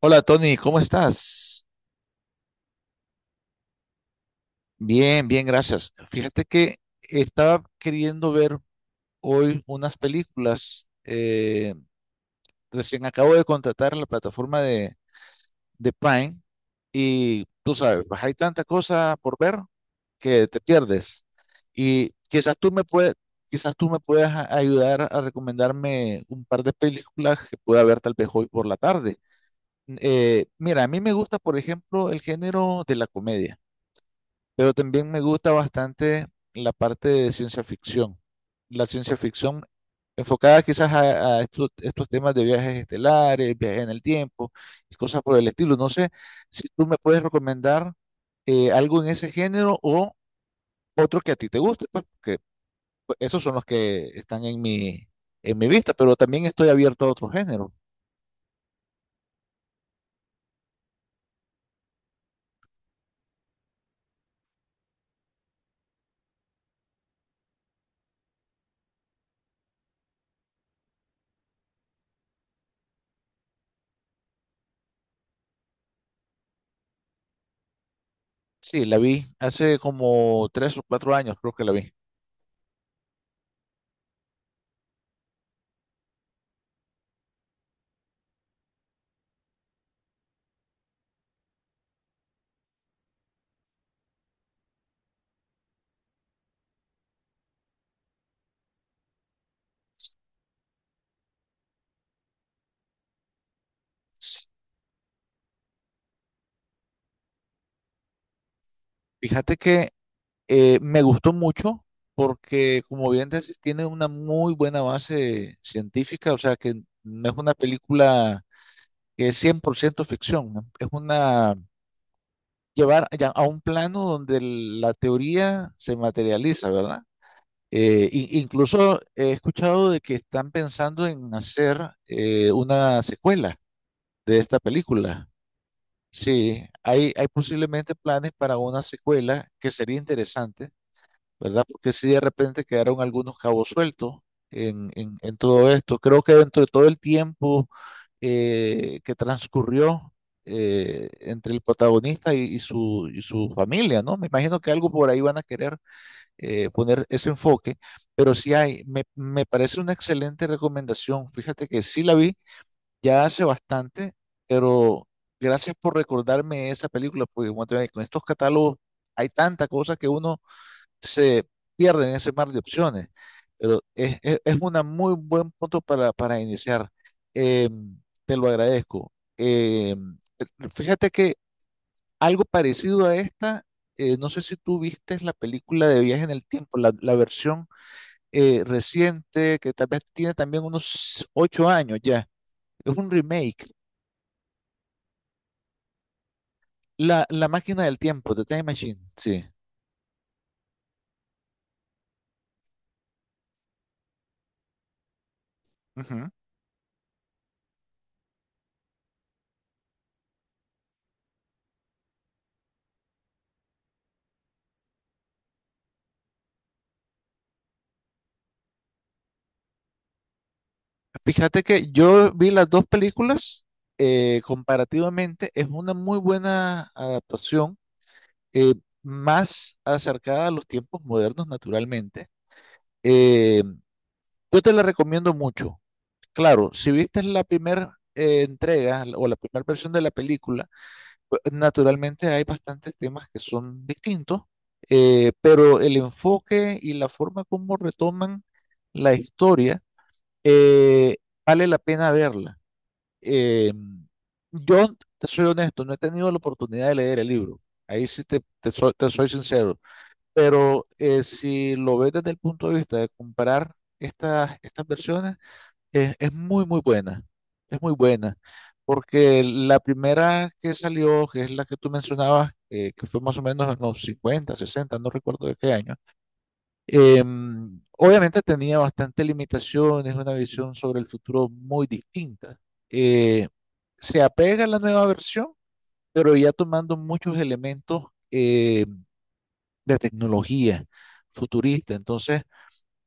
Hola Tony, ¿cómo estás? Bien, bien, gracias. Fíjate que estaba queriendo ver hoy unas películas. Recién acabo de contratar la plataforma de Prime y tú sabes, pues, hay tanta cosa por ver que te pierdes. Y quizás tú me puedes, Quizás tú me puedas ayudar a recomendarme un par de películas que pueda ver tal vez hoy por la tarde. Mira, a mí me gusta, por ejemplo, el género de la comedia. Pero también me gusta bastante la parte de ciencia ficción. La ciencia ficción enfocada quizás a estos temas de viajes estelares, viajes en el tiempo y cosas por el estilo. No sé si tú me puedes recomendar algo en ese género o otro que a ti te guste, pues, porque pues, esos son los que están en en mi vista, pero también estoy abierto a otro género. Sí, la vi hace como tres o cuatro años, creo que la vi. Sí. Fíjate que me gustó mucho porque, como bien dices, tiene una muy buena base científica, o sea que no es una película que es 100% ficción, ¿no? Es una llevar ya a un plano donde la teoría se materializa, ¿verdad? Incluso he escuchado de que están pensando en hacer una secuela de esta película. Sí, hay posiblemente planes para una secuela que sería interesante, ¿verdad? Porque si de repente quedaron algunos cabos sueltos en todo esto. Creo que dentro de todo el tiempo que transcurrió entre el protagonista y y su familia, ¿no? Me imagino que algo por ahí van a querer poner ese enfoque, pero sí hay, me parece una excelente recomendación. Fíjate que sí la vi ya hace bastante, pero gracias por recordarme esa película, porque como te digo, con estos catálogos hay tanta cosa que uno se pierden en ese mar de opciones. Pero es una muy buen punto para iniciar. Eh, Te lo agradezco. Fíjate que algo parecido a esta, no sé si tú viste la película de Viaje en el Tiempo, la versión reciente, que tal vez tiene también unos ocho años ya. Es un remake. La máquina del tiempo, The Time Machine, sí. Ujú. Fíjate que yo vi las dos películas, comparativamente es una muy buena adaptación, eh, más acercada a los tiempos modernos, naturalmente. Eh, yo te la recomiendo mucho. Claro, si viste la primera entrega o la primera versión de la película, pues, naturalmente hay bastantes temas que son distintos, pero el enfoque y la forma como retoman la historia, eh, vale la pena verla. Eh, yo, te soy honesto, no he tenido la oportunidad de leer el libro. Ahí sí te, te soy sincero. Pero si lo ves desde el punto de vista de comparar estas versiones, es muy, muy buena. Es muy buena. Porque la primera que salió, que es la que tú mencionabas, que fue más o menos en los 50 sesenta, no recuerdo de qué año. eh, Obviamente tenía bastantes limitaciones, una visión sobre el futuro muy distinta. Eh, Se apega a la nueva versión, pero ya tomando muchos elementos eh, de tecnología futurista. Entonces,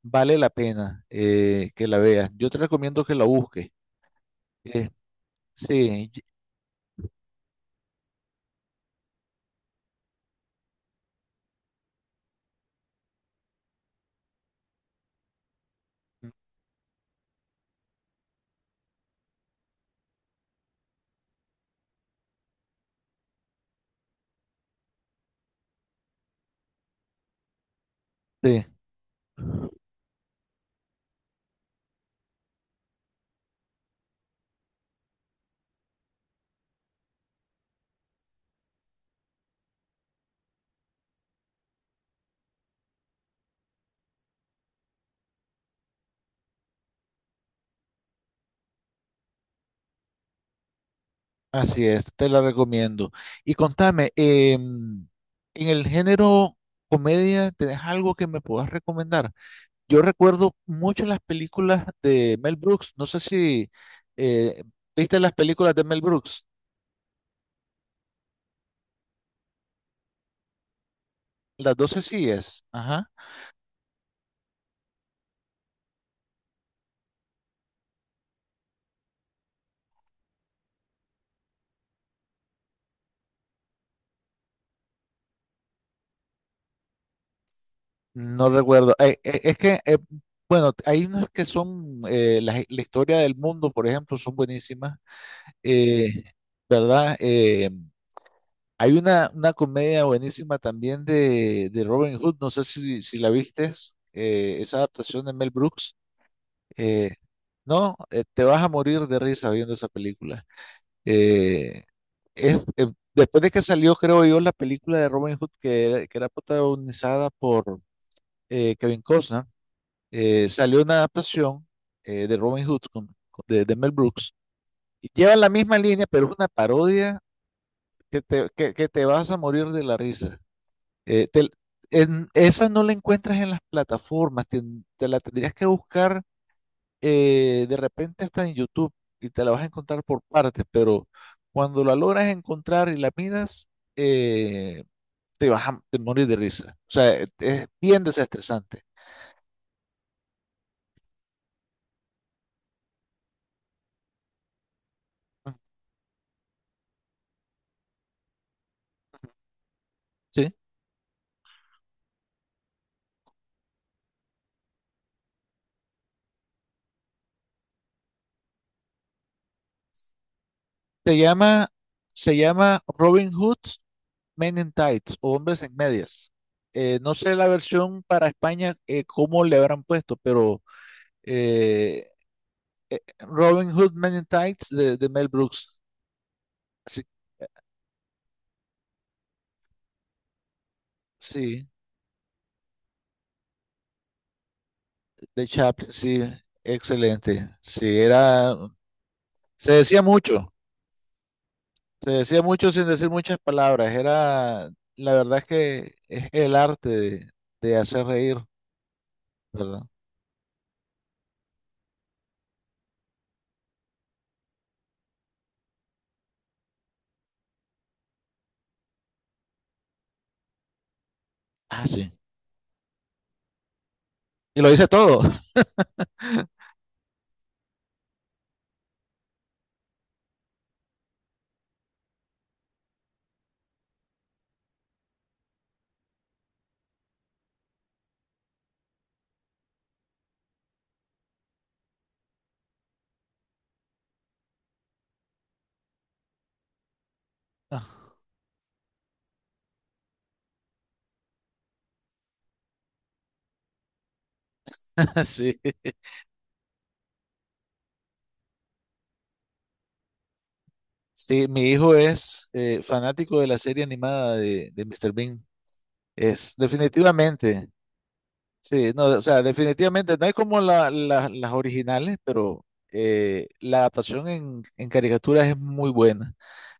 vale la pena que la veas. Yo te recomiendo que la busques. Eh, sí, sí, así es, te la recomiendo. Y contame, en el género comedia, ¿tenés algo que me puedas recomendar? Yo recuerdo mucho las películas de Mel Brooks. No sé si eh, viste las películas de Mel Brooks, las 12 sillas. Ajá. No recuerdo. Bueno, hay unas que son, la, la historia del mundo, por ejemplo, son buenísimas, eh, ¿verdad? Hay una comedia buenísima también de Robin Hood, no sé si la viste, esa adaptación de Mel Brooks. Eh, no, te vas a morir de risa viendo esa película. Eh, Después de que salió, creo yo, la película de Robin Hood que era protagonizada por Kevin Costner, salió una adaptación de Robin Hood de Mel Brooks. Y lleva la misma línea, pero es una parodia que te vas a morir de la risa. Eh, te- Esa no la encuentras en las plataformas, te la tendrías que buscar, de repente está en YouTube y te la vas a encontrar por partes, pero cuando la logras encontrar y la miras, eh, te vas a te morir de risa. O sea, es bien desestresante. ¿Sí? Se llama, Se llama Robin Hood Men in Tights o Hombres en Medias. No sé la versión para España, cómo le habrán puesto, pero eh, Robin Hood Men in Tights de Mel Brooks. Sí, sí. De Chaplin, sí, excelente. Sí, era, se decía mucho, se decía mucho sin decir muchas palabras. Era, la verdad es que es el arte de hacer reír, ¿verdad? Ah, sí. Y lo dice todo. Ah, sí. Sí, mi hijo es fanático de la serie animada de Mr. Bean. Es, definitivamente. Sí, no, o sea, definitivamente no es como las originales, pero la adaptación en caricaturas es muy buena.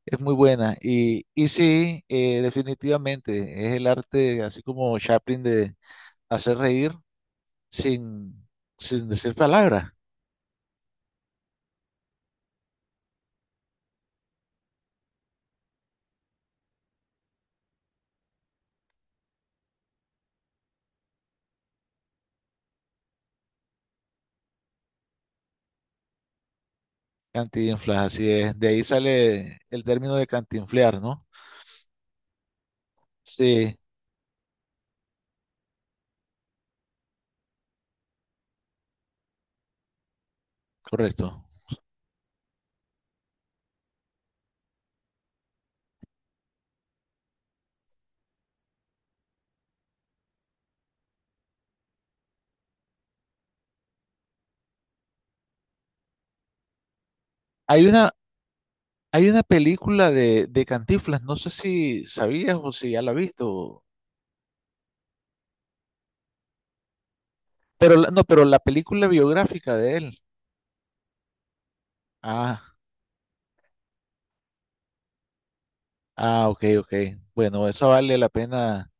Es muy buena. Y sí, definitivamente, es el arte, así como Chaplin, de hacer reír sin, sin decir palabras. Cantinflas, así es. De ahí sale el término de cantinflear, ¿no? Sí, correcto. Hay una, Hay una película de Cantinflas, no sé si sabías o si ya la has visto, pero no, pero la película biográfica de él. Ah, ah, ok, ok. Bueno, eso vale la pena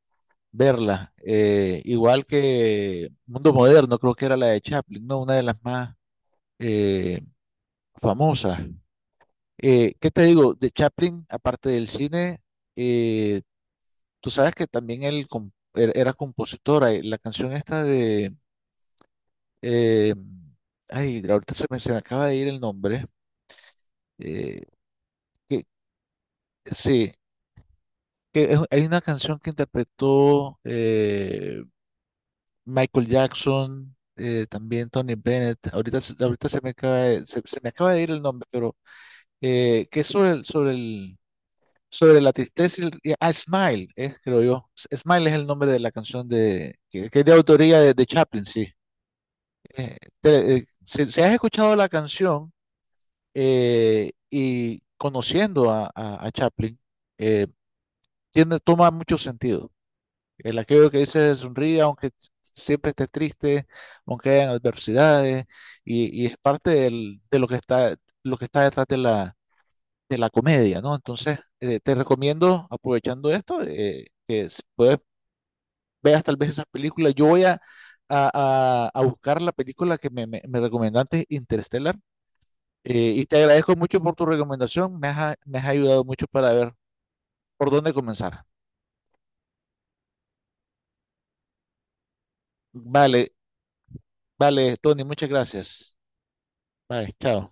verla. Igual que Mundo Moderno, creo que era la de Chaplin, ¿no? Una de las más eh, famosas. ¿Qué te digo? De Chaplin, aparte del cine, eh, tú sabes que también él era compositora. La canción esta de... eh, ay, se me acaba de ir el nombre. eh, que, sí, hay una canción que interpretó... Michael Jackson, también Tony Bennett. Ahorita se me acaba se me acaba de ir el nombre, pero que es sobre sobre la tristeza y ah, Smile, creo yo. Smile es el nombre de la canción que es de autoría de Chaplin, sí. Si, si has escuchado la canción y conociendo a Chaplin, eh, tiene, toma mucho sentido. El aquello que dice sonríe, aunque siempre esté triste, aunque hayan adversidades, y es parte de lo que está detrás de la comedia, ¿no? Entonces, te recomiendo, aprovechando esto, que si puedes, veas tal vez esas películas. Yo voy a, a buscar la película que me recomendaste, Interstellar, y te agradezco mucho por tu recomendación, me has ayudado mucho para ver por dónde comenzar. Vale, vale, Tony, muchas gracias. Bye, chao.